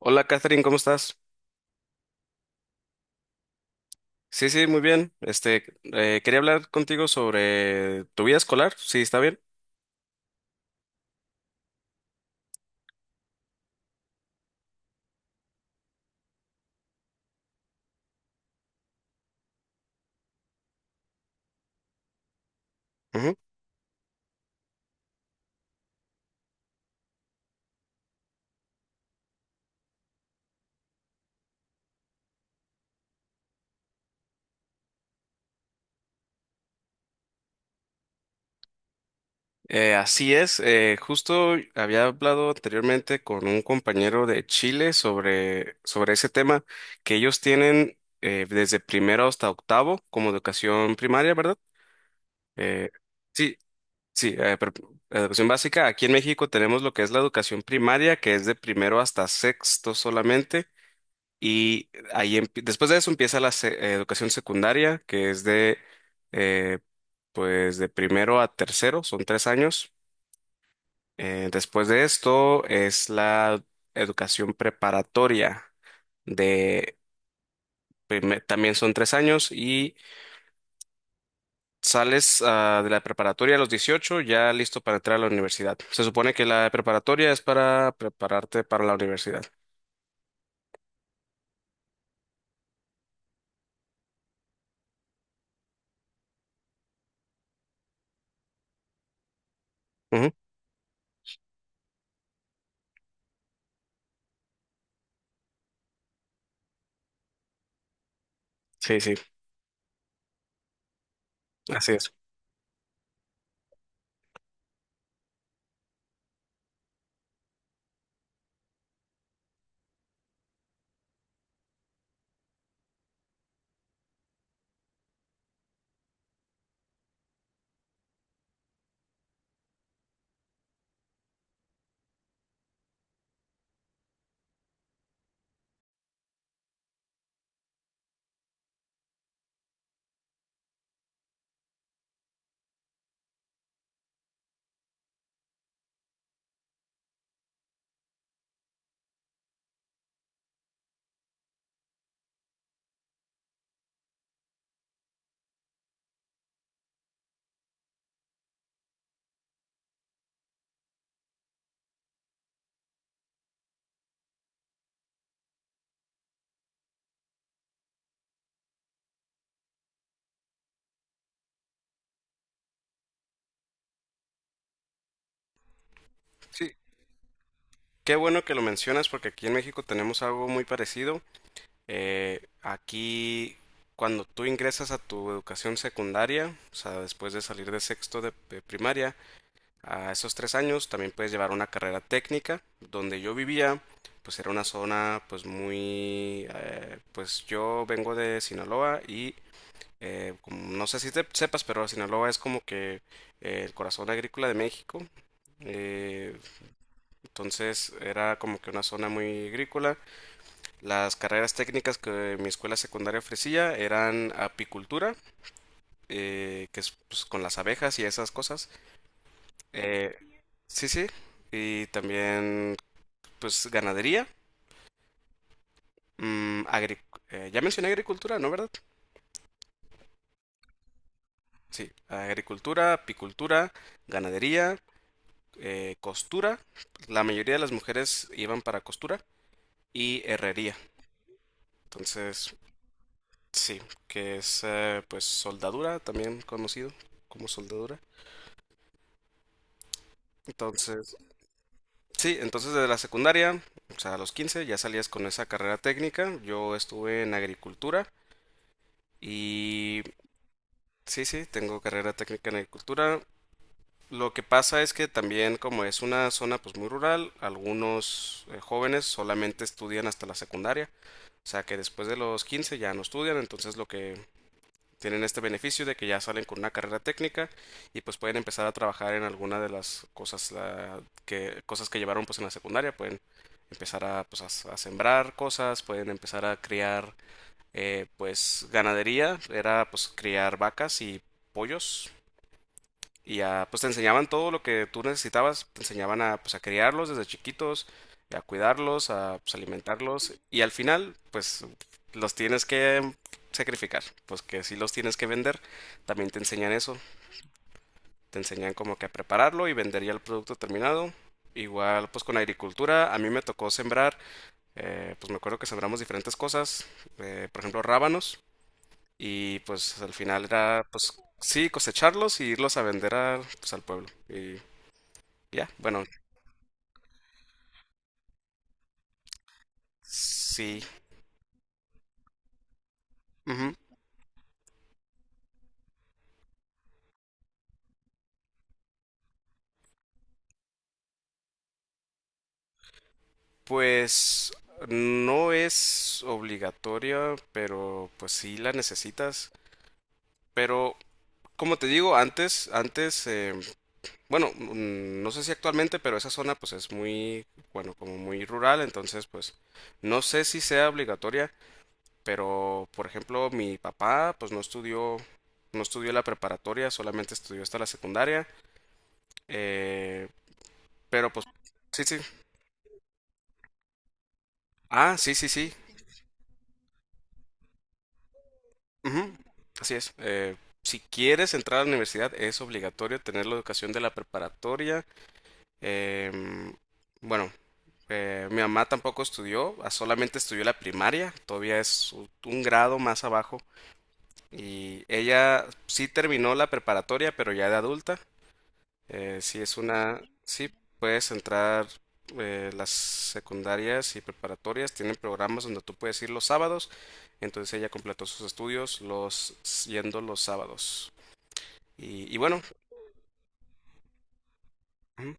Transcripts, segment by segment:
Hola, Catherine, ¿cómo estás? Sí, muy bien. Quería hablar contigo sobre tu vida escolar, sí, está bien. Ujú. Así es, justo había hablado anteriormente con un compañero de Chile sobre, sobre ese tema que ellos tienen desde primero hasta octavo como educación primaria, ¿verdad? Eh, sí, sí, pero la educación básica. Aquí en México tenemos lo que es la educación primaria, que es de primero hasta sexto solamente, y después de eso empieza la educación secundaria, que es de eh, pues de primero a tercero, son tres años. Después de esto es la educación preparatoria de también son tres años y sales ah, de la preparatoria a los 18 ya listo para entrar a la universidad. Se supone que la preparatoria es para prepararte para la universidad. Ujú. Sí, sí, así es. Sí. Qué bueno que lo mencionas porque aquí en México tenemos algo muy parecido. Aquí cuando tú ingresas a tu educación secundaria, o sea, después de salir de sexto de primaria, a esos tres años también puedes llevar una carrera técnica. Donde yo vivía, pues era una zona pues muy... pues yo vengo de Sinaloa y no sé si te sepas, pero Sinaloa es como que el corazón agrícola de México. Eh, entonces era como que una zona muy agrícola. Las carreras técnicas que mi escuela secundaria ofrecía eran apicultura, que es pues, con las abejas y esas cosas. Eh, sí, sí. Y también pues ganadería, mm, agri- ya mencioné agricultura, ¿no, verdad? Sí, agricultura, apicultura, ganadería, costura. La mayoría de las mujeres iban para costura y herrería. Entonces, sí, que es pues soldadura, también conocido como soldadura. Entonces, sí, entonces desde la secundaria, o sea, a los 15 ya salías con esa carrera técnica. Yo estuve en agricultura y sí, sí, tengo carrera técnica en agricultura. Lo que pasa es que también como es una zona pues muy rural, algunos jóvenes solamente estudian hasta la secundaria, o sea que después de los 15 ya no estudian, entonces lo que tienen este beneficio de que ya salen con una carrera técnica y pues pueden empezar a trabajar en alguna de las que cosas que llevaron pues en la secundaria, pueden empezar a sembrar cosas, pueden empezar a criar pues ganadería, era pues criar vacas y pollos y ya, pues te enseñaban todo lo que tú necesitabas, te enseñaban a, pues, a criarlos desde chiquitos, a cuidarlos, a, pues, alimentarlos, y al final, pues, los tienes que sacrificar, pues que si los tienes que vender, también te enseñan eso, te enseñan como que a prepararlo y vender ya el producto terminado. Igual, pues con agricultura, a mí me tocó sembrar, pues me acuerdo que sembramos diferentes cosas, por ejemplo, rábanos, y pues al final era, pues sí, cosecharlos y irlos a vender a, pues, al pueblo. Y ya, bueno, sí. Ujú. Pues no es obligatoria, pero pues sí la necesitas. Pero como te digo, antes, bueno, mm, no sé si actualmente, pero esa zona pues es muy, bueno, como muy rural, entonces pues no sé si sea obligatoria, pero por ejemplo mi papá pues no estudió, no estudió la preparatoria, solamente estudió hasta la secundaria. eh, pero pues sí, sí. Ah, sí, sí, sí. Ujú. Así es. Si quieres entrar a la universidad, es obligatorio tener la educación de la preparatoria. em, bueno, mi mamá tampoco estudió, ah, solamente estudió la primaria, todavía es un grado más abajo. Y ella sí terminó la preparatoria, pero ya de adulta. Sí, es una... Sí, puedes entrar las secundarias y preparatorias. Tienen programas donde tú puedes ir los sábados. Entonces ella completó sus estudios los yendo los sábados. Y bueno, ujú,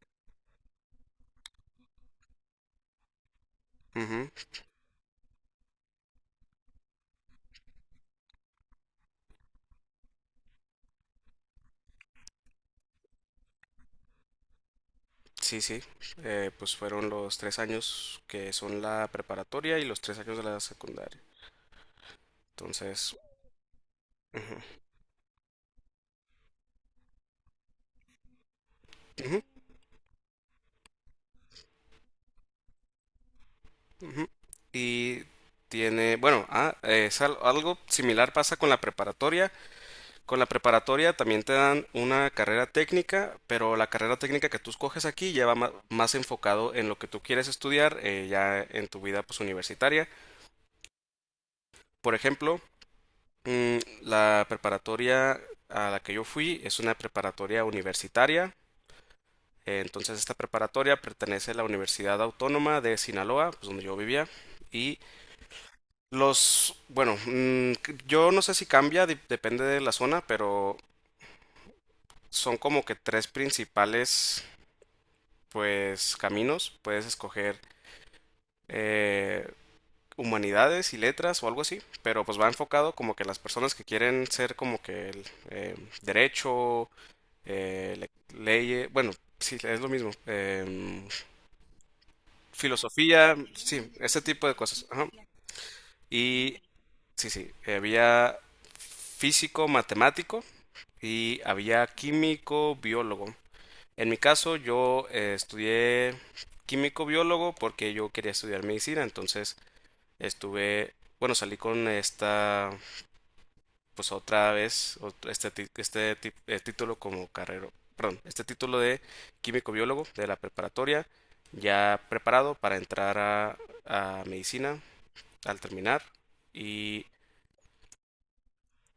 ujú, sí, sí. Pues fueron los tres años que son la preparatoria y los tres años de la secundaria. Entonces, ujú, ujú, ujú. Y tiene, bueno, ah, es algo similar pasa con la preparatoria. Con la preparatoria también te dan una carrera técnica, pero la carrera técnica que tú escoges aquí ya va más enfocado en lo que tú quieres estudiar ya en tu vida pues universitaria. Por ejemplo, la preparatoria a la que yo fui es una preparatoria universitaria. Entonces esta preparatoria pertenece a la Universidad Autónoma de Sinaloa, pues donde yo vivía. Y los, bueno, yo no sé si cambia, depende de la zona, pero son como que tres principales pues caminos, puedes escoger eh, humanidades y letras o algo así, pero pues va enfocado como que las personas que quieren ser como que el, derecho, eh, leyes, bueno, sí, es lo mismo, filosofía, sí, ese tipo de cosas. Ajá. Y sí, sí, había físico, matemático y había químico, biólogo. En mi caso, yo estudié químico biólogo porque yo quería estudiar medicina, entonces estuve, bueno, salí con esta, pues otra vez, título como carrera, perdón, este título de químico biólogo de la preparatoria, ya preparado para entrar a medicina al terminar. Y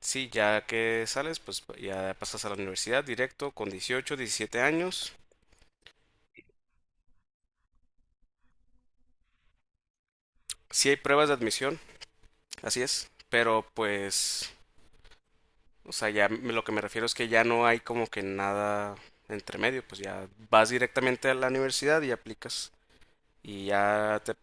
sí, ya que sales, pues ya pasas a la universidad directo con 18, 17 años. Si hay pruebas de admisión, así es, pero pues, o sea, lo que me refiero es que ya no hay como que nada entre medio, pues ya vas directamente a la universidad y aplicas y ya te...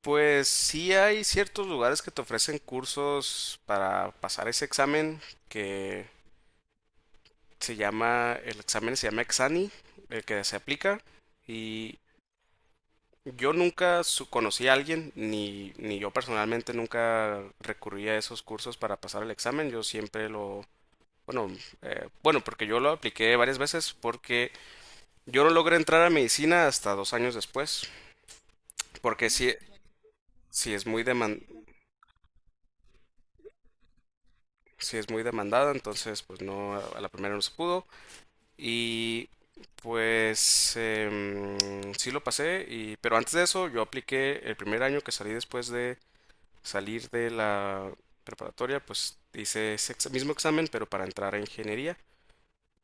Pues sí hay ciertos lugares que te ofrecen cursos para pasar ese examen que se llama, el examen se llama Exani, el que se aplica y yo nunca conocí a alguien, ni yo personalmente nunca recurrí a esos cursos para pasar el examen, yo siempre lo... Bueno, bueno, porque yo lo apliqué varias veces porque yo no logré entrar a medicina hasta dos años después, porque sí, sí es muy deman- sí es muy demandada, entonces pues no, a la primera no se pudo y pues sí lo pasé, y, pero antes de eso yo apliqué el primer año que salí después de salir de la preparatoria, pues hice ese mismo examen pero para entrar a ingeniería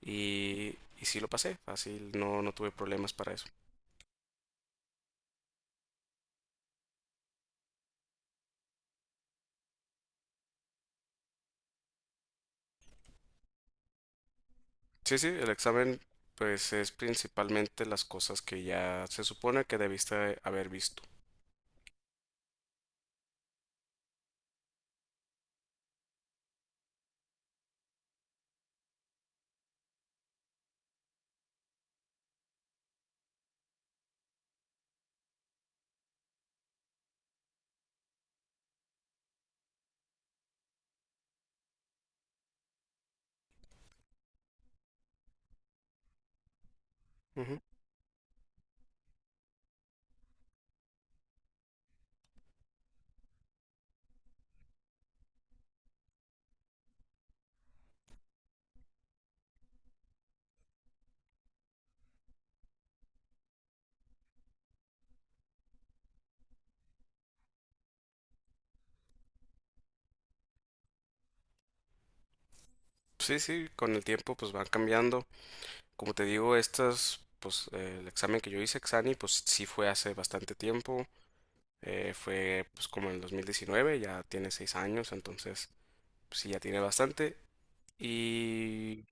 y, y sí lo pasé, así no, no tuve problemas para eso. Sí, sí, el examen pues es principalmente las cosas que ya se supone que debiste haber visto. Ujú. Sí, sí, con el tiempo pues van cambiando. Como te digo, estas, pues el examen que yo hice, Exani, pues sí fue hace bastante tiempo. Fue pues como en el 2019, ya tiene seis años, entonces pues, sí, ya tiene bastante. Y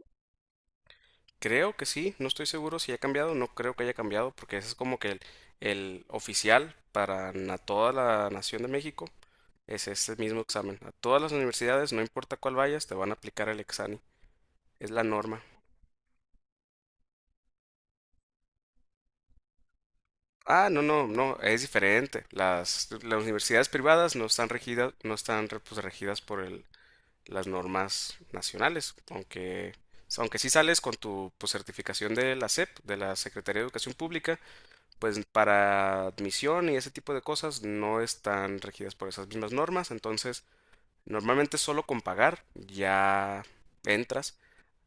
creo que sí, no estoy seguro si ha cambiado, no creo que haya cambiado, porque ese es como que el oficial para toda la nación de México. Es este mismo examen. A todas las universidades, no importa cuál vayas, te van a aplicar el examen. Es la norma. Ah, no, no, no, es diferente. Las universidades privadas no están regidas, no están re- pues, regidas por el, las normas nacionales, aunque, aunque sí sales con tu pues, certificación de la SEP, de la Secretaría de Educación Pública, pues para admisión y ese tipo de cosas no están regidas por esas mismas normas, entonces normalmente solo con pagar ya entras.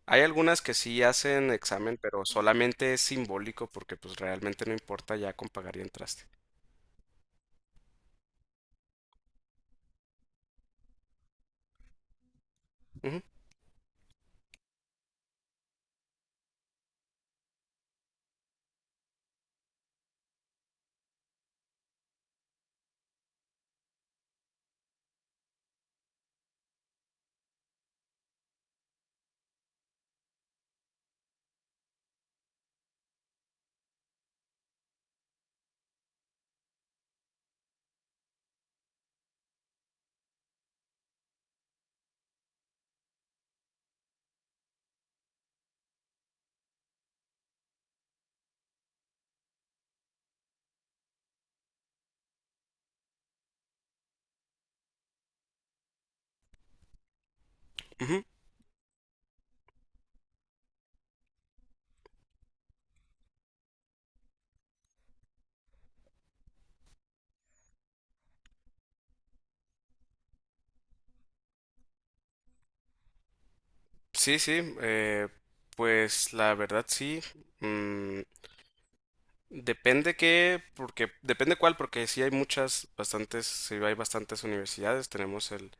Hay algunas que sí hacen examen, pero solamente es simbólico porque pues realmente no importa, ya con pagar y entraste. Ujú, ujú. Sí, sí, pues la verdad sí. mm, depende qué, porque depende cuál, porque sí hay muchas, bastantes, sí hay bastantes universidades. Tenemos el,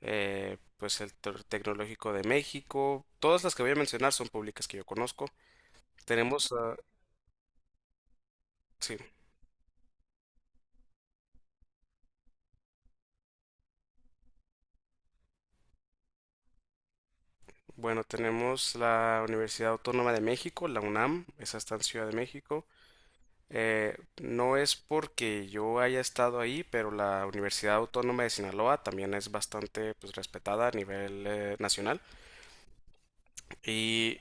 pues el Tecnológico de México. Todas las que voy a mencionar son públicas que yo conozco. Tenemos, ah, sí. Bueno, tenemos la Universidad Autónoma de México, la UNAM, esa está en Ciudad de México. No es porque yo haya estado ahí, pero la Universidad Autónoma de Sinaloa también es bastante pues, respetada a nivel nacional. Y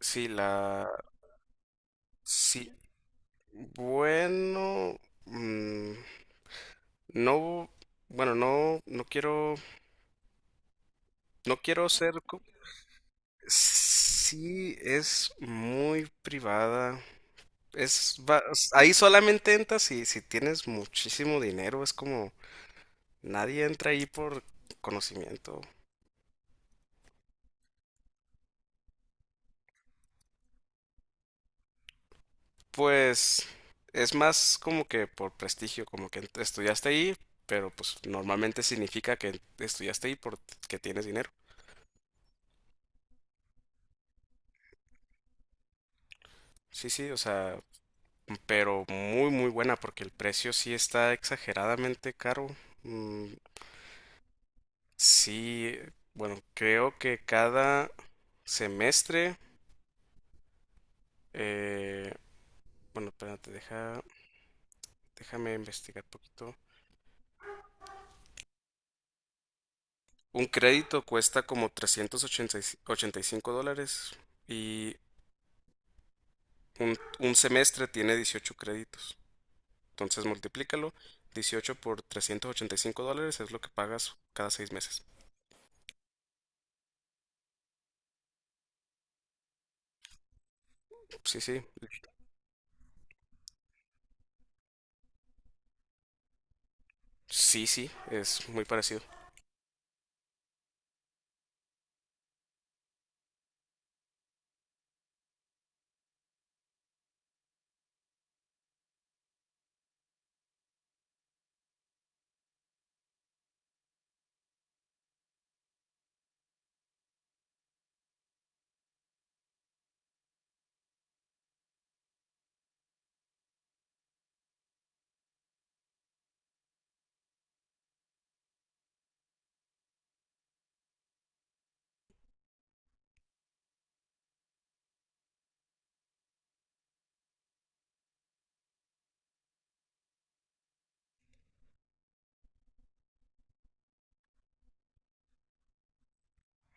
sí, la... Sí, bueno... mm, no... Bueno, no, no quiero, no quiero ser... co- Sí, es muy privada. Es, va- ahí solamente entras si, si tienes muchísimo dinero, es como nadie entra ahí por conocimiento. Pues es más como que por prestigio, como que estudiaste ahí, pero pues normalmente significa que estudiaste ahí porque tienes dinero. Sí, sí, o sea, pero muy muy buena porque el precio sí está exageradamente caro. Mm, sí, bueno, creo que cada semestre, eh, bueno, espérate, deja... Déjame investigar poquito. Un crédito cuesta como $385 y un semestre tiene 18 créditos. Entonces multiplícalo. 18 por $385 es lo que pagas cada seis meses. Sí, sí. Sí, sí. Es muy parecido.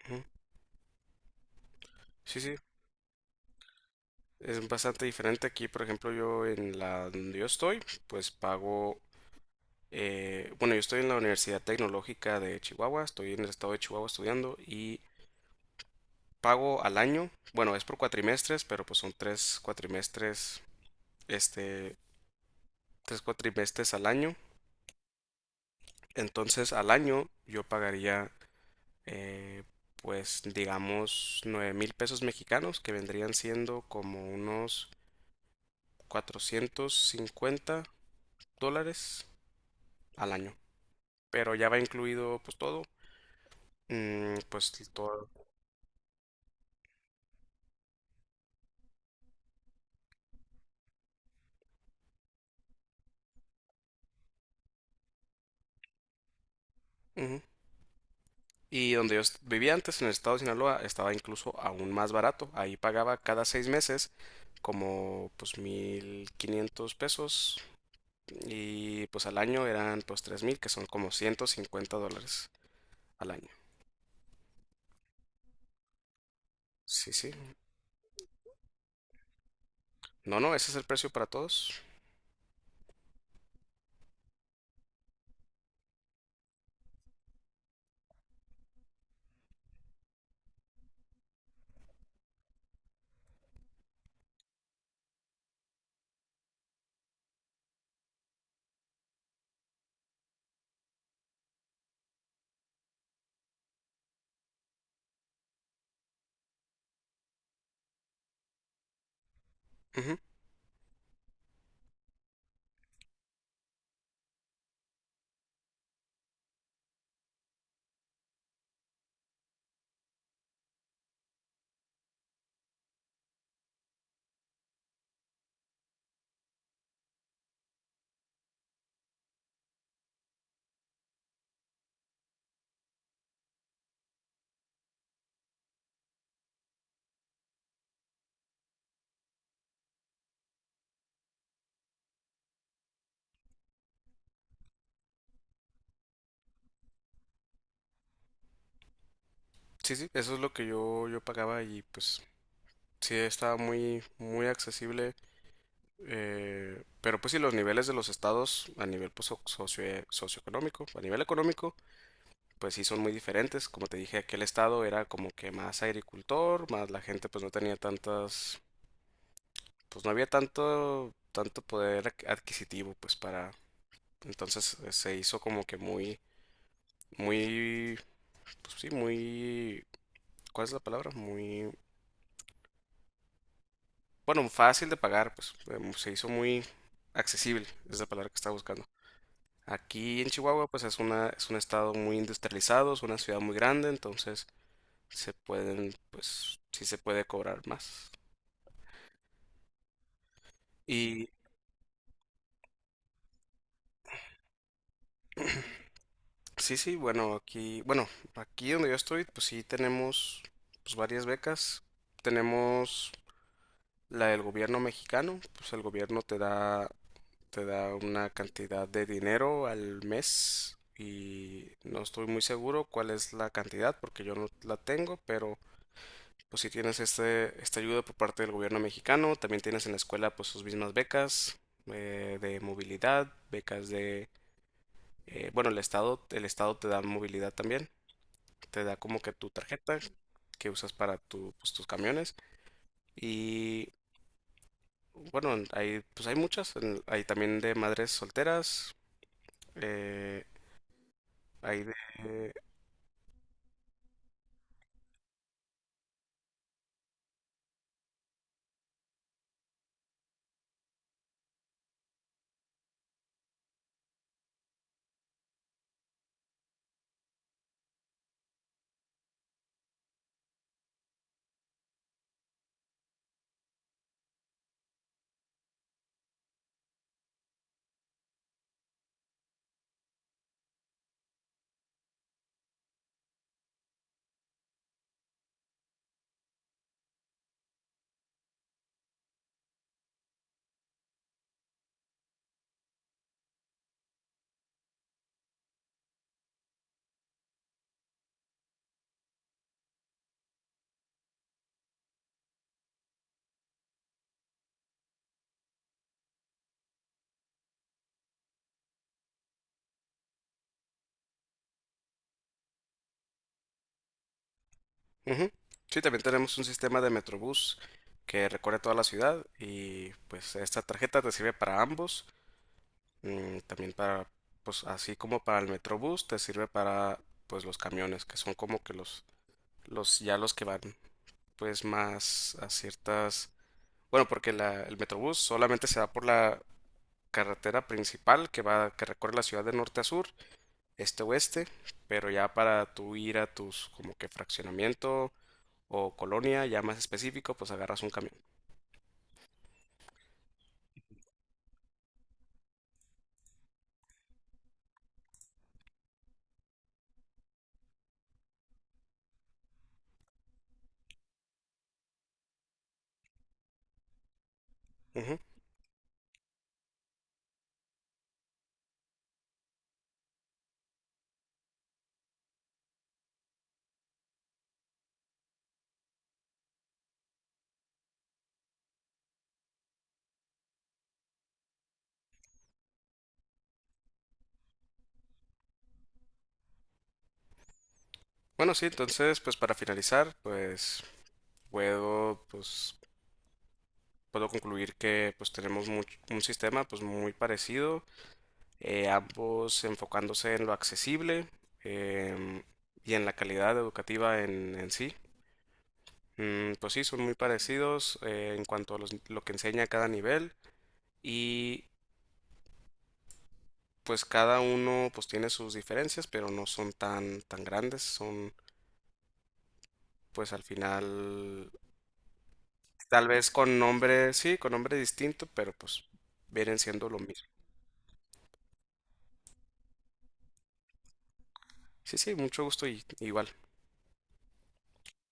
Ujú. Sí, sí. Es bastante diferente aquí. Por ejemplo, yo en la donde yo estoy, pues pago... bueno, yo estoy en la Universidad Tecnológica de Chihuahua. Estoy en el estado de Chihuahua estudiando y... Pago al año. Bueno, es por cuatrimestres, pero pues son tres cuatrimestres, este, tres cuatrimestres al año. Entonces al año yo pagaría, eh, pues digamos, 9.000 pesos mexicanos, que vendrían siendo como unos 450 dólares al año. Pero ya va incluido pues todo. Mm, pues todo. Ujú. Y vivía antes, en el estado de Sinaloa, estaba incluso aún más barato. Ahí pagaba cada seis meses como pues 1.500 pesos y pues al año eran pues 3.000, que son como 150 dólares al año. Sí, sí. No, no, ese es el precio para todos. Ujú. Sí, sí, eso es lo que yo pagaba y pues sí, estaba muy, muy accesible. Pero pues sí, los niveles de los estados a nivel pues, socioeconómico, a nivel económico, pues sí son muy diferentes. Como te dije, aquel estado era como que más agricultor, más la gente pues no tenía tantas, pues no había tanto poder adquisitivo pues para... Entonces se hizo como que muy, muy, pues sí, muy, ¿cuál es la palabra? Muy, bueno, fácil de pagar, pues se hizo muy accesible, es la palabra que estaba buscando. Aquí en Chihuahua pues es un estado muy industrializado, es una ciudad muy grande, entonces se pueden, pues sí se puede cobrar más. Y sí, sí, bueno, aquí donde yo estoy, pues sí tenemos pues varias becas. Tenemos la del gobierno mexicano, pues el gobierno te da una cantidad de dinero al mes y no estoy muy seguro cuál es la cantidad porque yo no la tengo, pero pues si tienes esta ayuda por parte del gobierno mexicano, también tienes en la escuela pues sus mismas becas, de movilidad, becas de bueno, el estado te da movilidad también, te da como que tu tarjeta que usas para tu, pues, tus camiones. Y bueno, hay, pues hay muchas. Hay también de madres solteras. eh, hay de... Ujú. Sí, también tenemos un sistema de Metrobús que recorre toda la ciudad y pues esta tarjeta te sirve para ambos. Mm, también para, pues así como para el Metrobús, te sirve para pues los camiones, que son como que los ya los que van pues más a ciertas... Bueno, porque el Metrobús solamente se va por la carretera principal que va, que recorre la ciudad de norte a sur, este a oeste, pero ya para tú ir a tus como que fraccionamiento o colonia ya más específico, pues agarras un camión. Ujú. Bueno, sí, entonces pues para finalizar, pues puedo pues puedo concluir que pues tenemos un sistema pues muy parecido, ambos enfocándose en lo accesible, em, y en la calidad educativa en sí. Mm, pues sí, son muy parecidos, en cuanto a lo que enseña cada nivel y pues cada uno pues tiene sus diferencias, pero no son tan grandes, son pues al final tal vez con nombre, sí, con nombre distinto, pero pues vienen siendo lo mismo. Sí, sí, mucho gusto y igual.